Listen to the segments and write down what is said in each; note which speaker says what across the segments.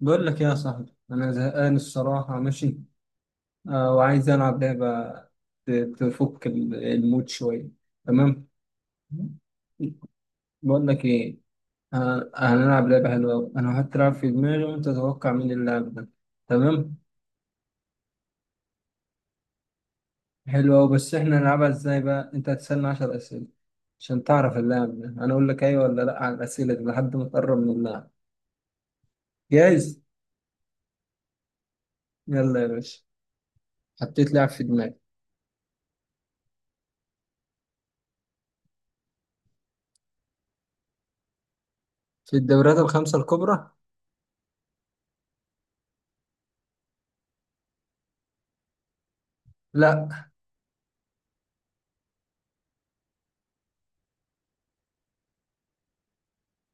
Speaker 1: بقول لك يا صاحبي انا زهقان الصراحه. ماشي. آه وعايز العب لعبه. ت- تفك المود شويه. تمام. بقول لك ايه؟ آه هنلعب لعبه حلوه أوي. انا هتلعب في دماغي وانت تتوقع مين اللي لعب ده. تمام. حلوه أوي، بس احنا نلعبها ازاي بقى؟ انت هتسالني 10 اسئله عشان تعرف اللاعب ده، انا اقول لك ايوه ولا لا على الاسئله دي لحد ما تقرب من اللاعب. جاهز. يلا يا باشا. حطيت لاعب في دماغي. في الدوريات الخمسه الكبرى. لا.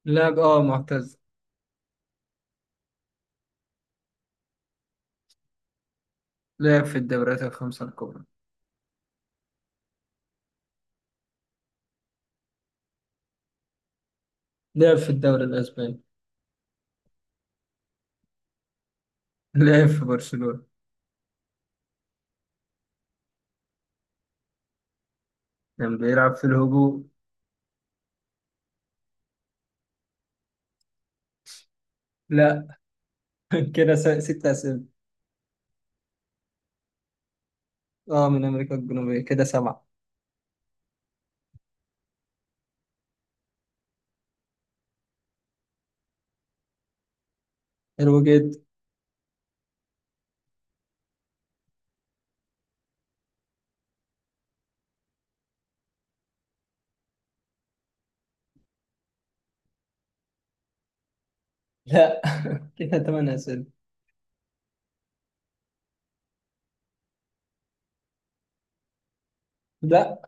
Speaker 1: لاعب معتزل. لعب في الدوريات الخمسة الكبرى. لعب في الدوري الأسباني. لعب في برشلونة. كان بيلعب في الهجوم. لا. كده ست أسئلة. اه، من أمريكا الجنوبية، كده سبعة. حلو جدا. لا. كده تمن أسئلة. لا.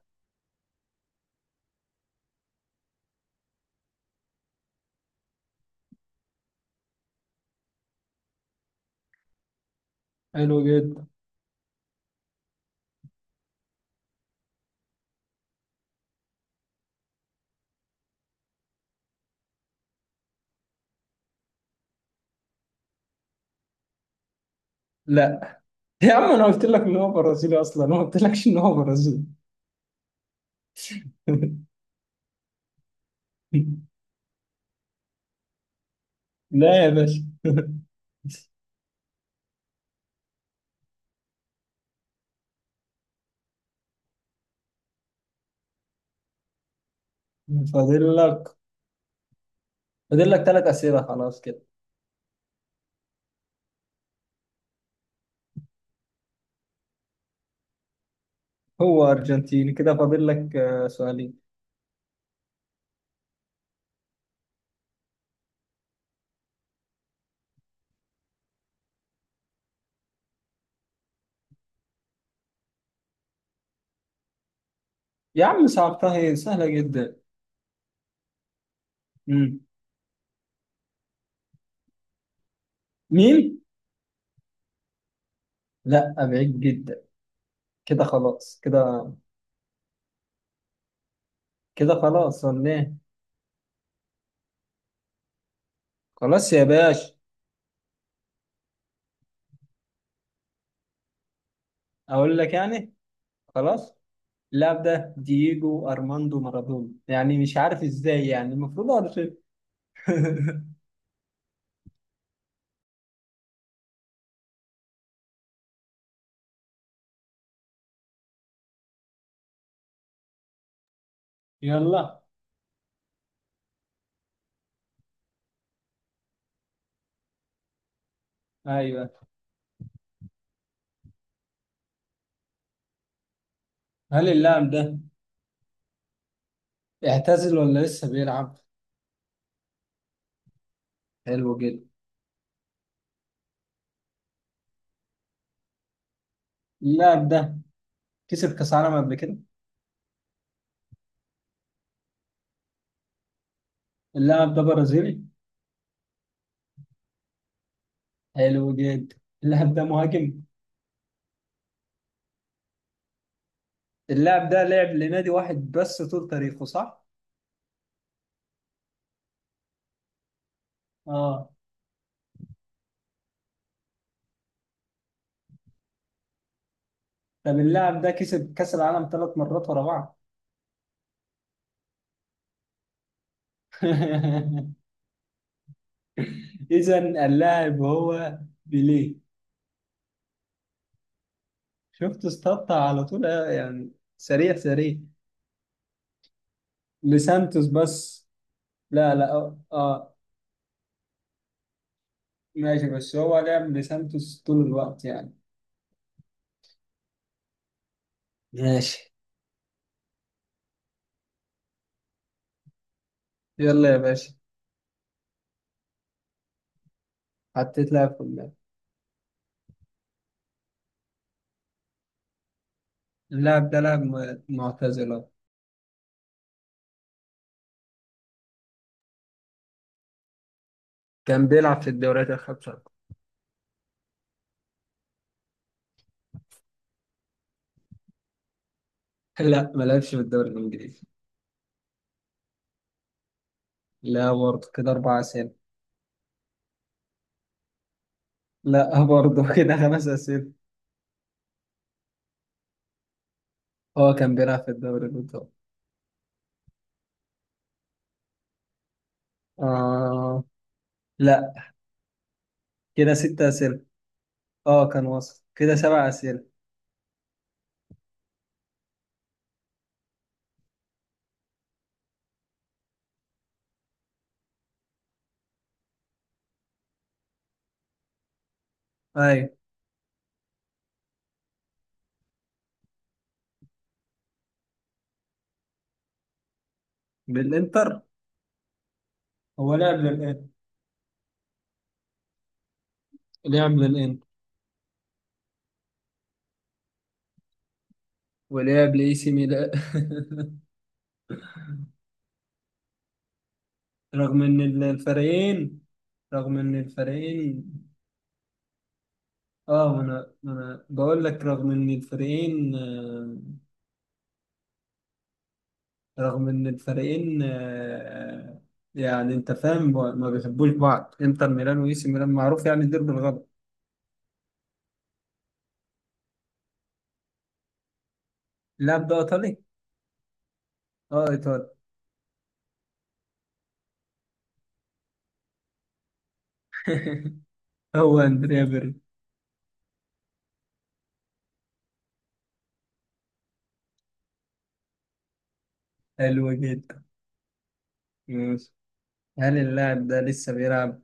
Speaker 1: حلو جدا. لا يا عم، أنا قلت لك إن هو برازيلي أصلا؟ أنا ما قلتلكش إن هو برازيلي. لا يا باشا. فاضل لك فاضل لك ثلاث أسئلة خلاص كده. هو أرجنتيني، كده فاضل لك سؤالين. يا عم صعبتها، هي سهلة جدا. مين؟ لا، بعيد جدا. كده خلاص كده. كده خلاص ولا ايه؟ خلاص يا باش. اقول لك يعني؟ خلاص. اللاعب ده دييجو ارماندو مارادونا. يعني مش عارف ازاي، يعني المفروض اعرف إيه. يلا. ايوه. هل اللاعب ده اعتزل ولا لسه بيلعب؟ حلو جدا. اللاعب ده كسب كاس عالم قبل كده. اللاعب ده برازيلي. حلو جدا. اللاعب ده مهاجم. اللاعب ده لعب لنادي واحد بس طول تاريخه، صح؟ اه. طب اللاعب ده كسب كأس العالم ثلاث مرات ورا بعض. إذا اللاعب هو بيليه. شفت؟ استطع على طول يعني. سريع سريع. لسانتوس بس. لا لا. ماشي، بس هو لعب لسانتوس طول الوقت يعني. ماشي. يلا يا باشا. حطيت لاعب في اللاعب. اللاعب ده لاعب معتزل أهو. كان بيلعب في الدوريات الخمسة. لا، ما لعبش في الدوري الإنجليزي. لا برضه، كده أربع أسئلة. لا برضه، كده خمس أسئلة. اه، كان بيلعب في الدوري الإيطالي. آه لا. كده ستة أسئلة. اه كان وصل، كده سبع أسئلة. أيوة. بالإنتر. هو لعب للإنتر. لعب للإنتر. ولعب لإي سي ميلان. رغم إن الفريقين. رغم إن الفريقين. اه، ما أنا بقول لك، رغم إن الفريقين رغم إن الفريقين يعني أنت فاهم، ما بيحبوش بعض. إنتر ميلان وإي سي ميلان معروف يعني الدير بالغلط. اللاعب ده إيطالي؟ اه إيطالي. هو أندريا بيرلو. حلو جدا. ماشي. هل اللاعب ده لسه بيلعب؟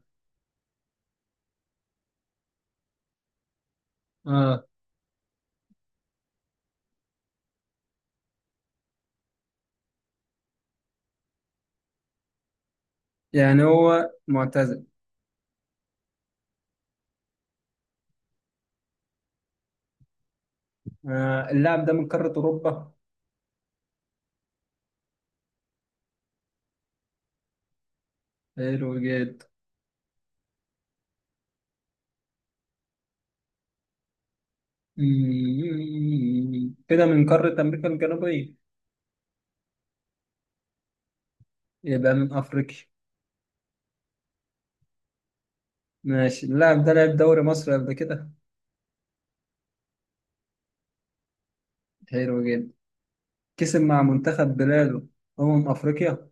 Speaker 1: اه. يعني هو معتزل. آه، اللاعب ده من قارة أوروبا. حلو جدا. مم. كده من قارة أمريكا الجنوبية. يبقى من أفريقيا. ماشي. اللاعب ده لعب دوري مصر قبل كده. حلو جدا. كسب مع منتخب بلاده أمم أفريقيا.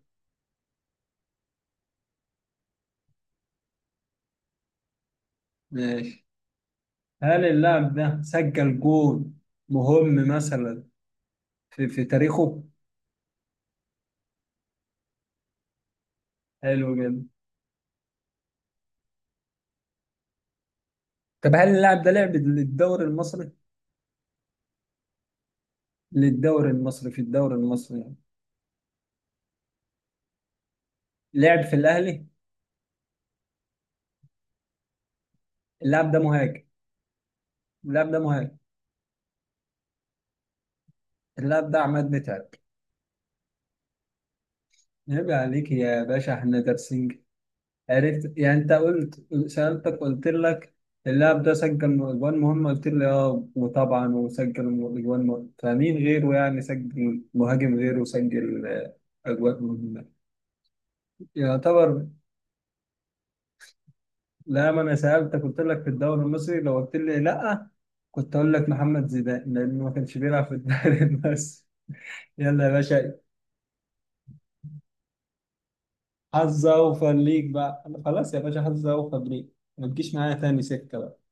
Speaker 1: ماشي. هل اللاعب ده سجل جول مهم مثلا في تاريخه؟ حلو جدا. طب هل اللاعب ده لعب للدوري المصري؟ للدوري المصري، في الدوري المصري يعني. لعب في الأهلي؟ اللاعب ده مهاجم. اللاعب ده مهاجم. اللاعب ده عماد متعب. عيب عليك يا باشا، احنا دارسين. عرفت يعني، انت قلت، سألتك قلت لك اللاعب ده سجل اجوان مهمة، قلت لي اه، وطبعا وسجل اجوان مهمة، فمين غيره يعني سجل؟ مهاجم غيره سجل اجوان مهمة. يعتبر. لا، ما انا سألتك قلت لك في الدوري المصري، لو قلت لي لا كنت اقول لك محمد زيدان لانه ما كانش بيلعب في الدوري. بس. يلا يا باشا. حظ اوفر ليك بقى، خلاص يا باشا، حظ اوفر ليك. ما تجيش معايا تاني سكه بقى.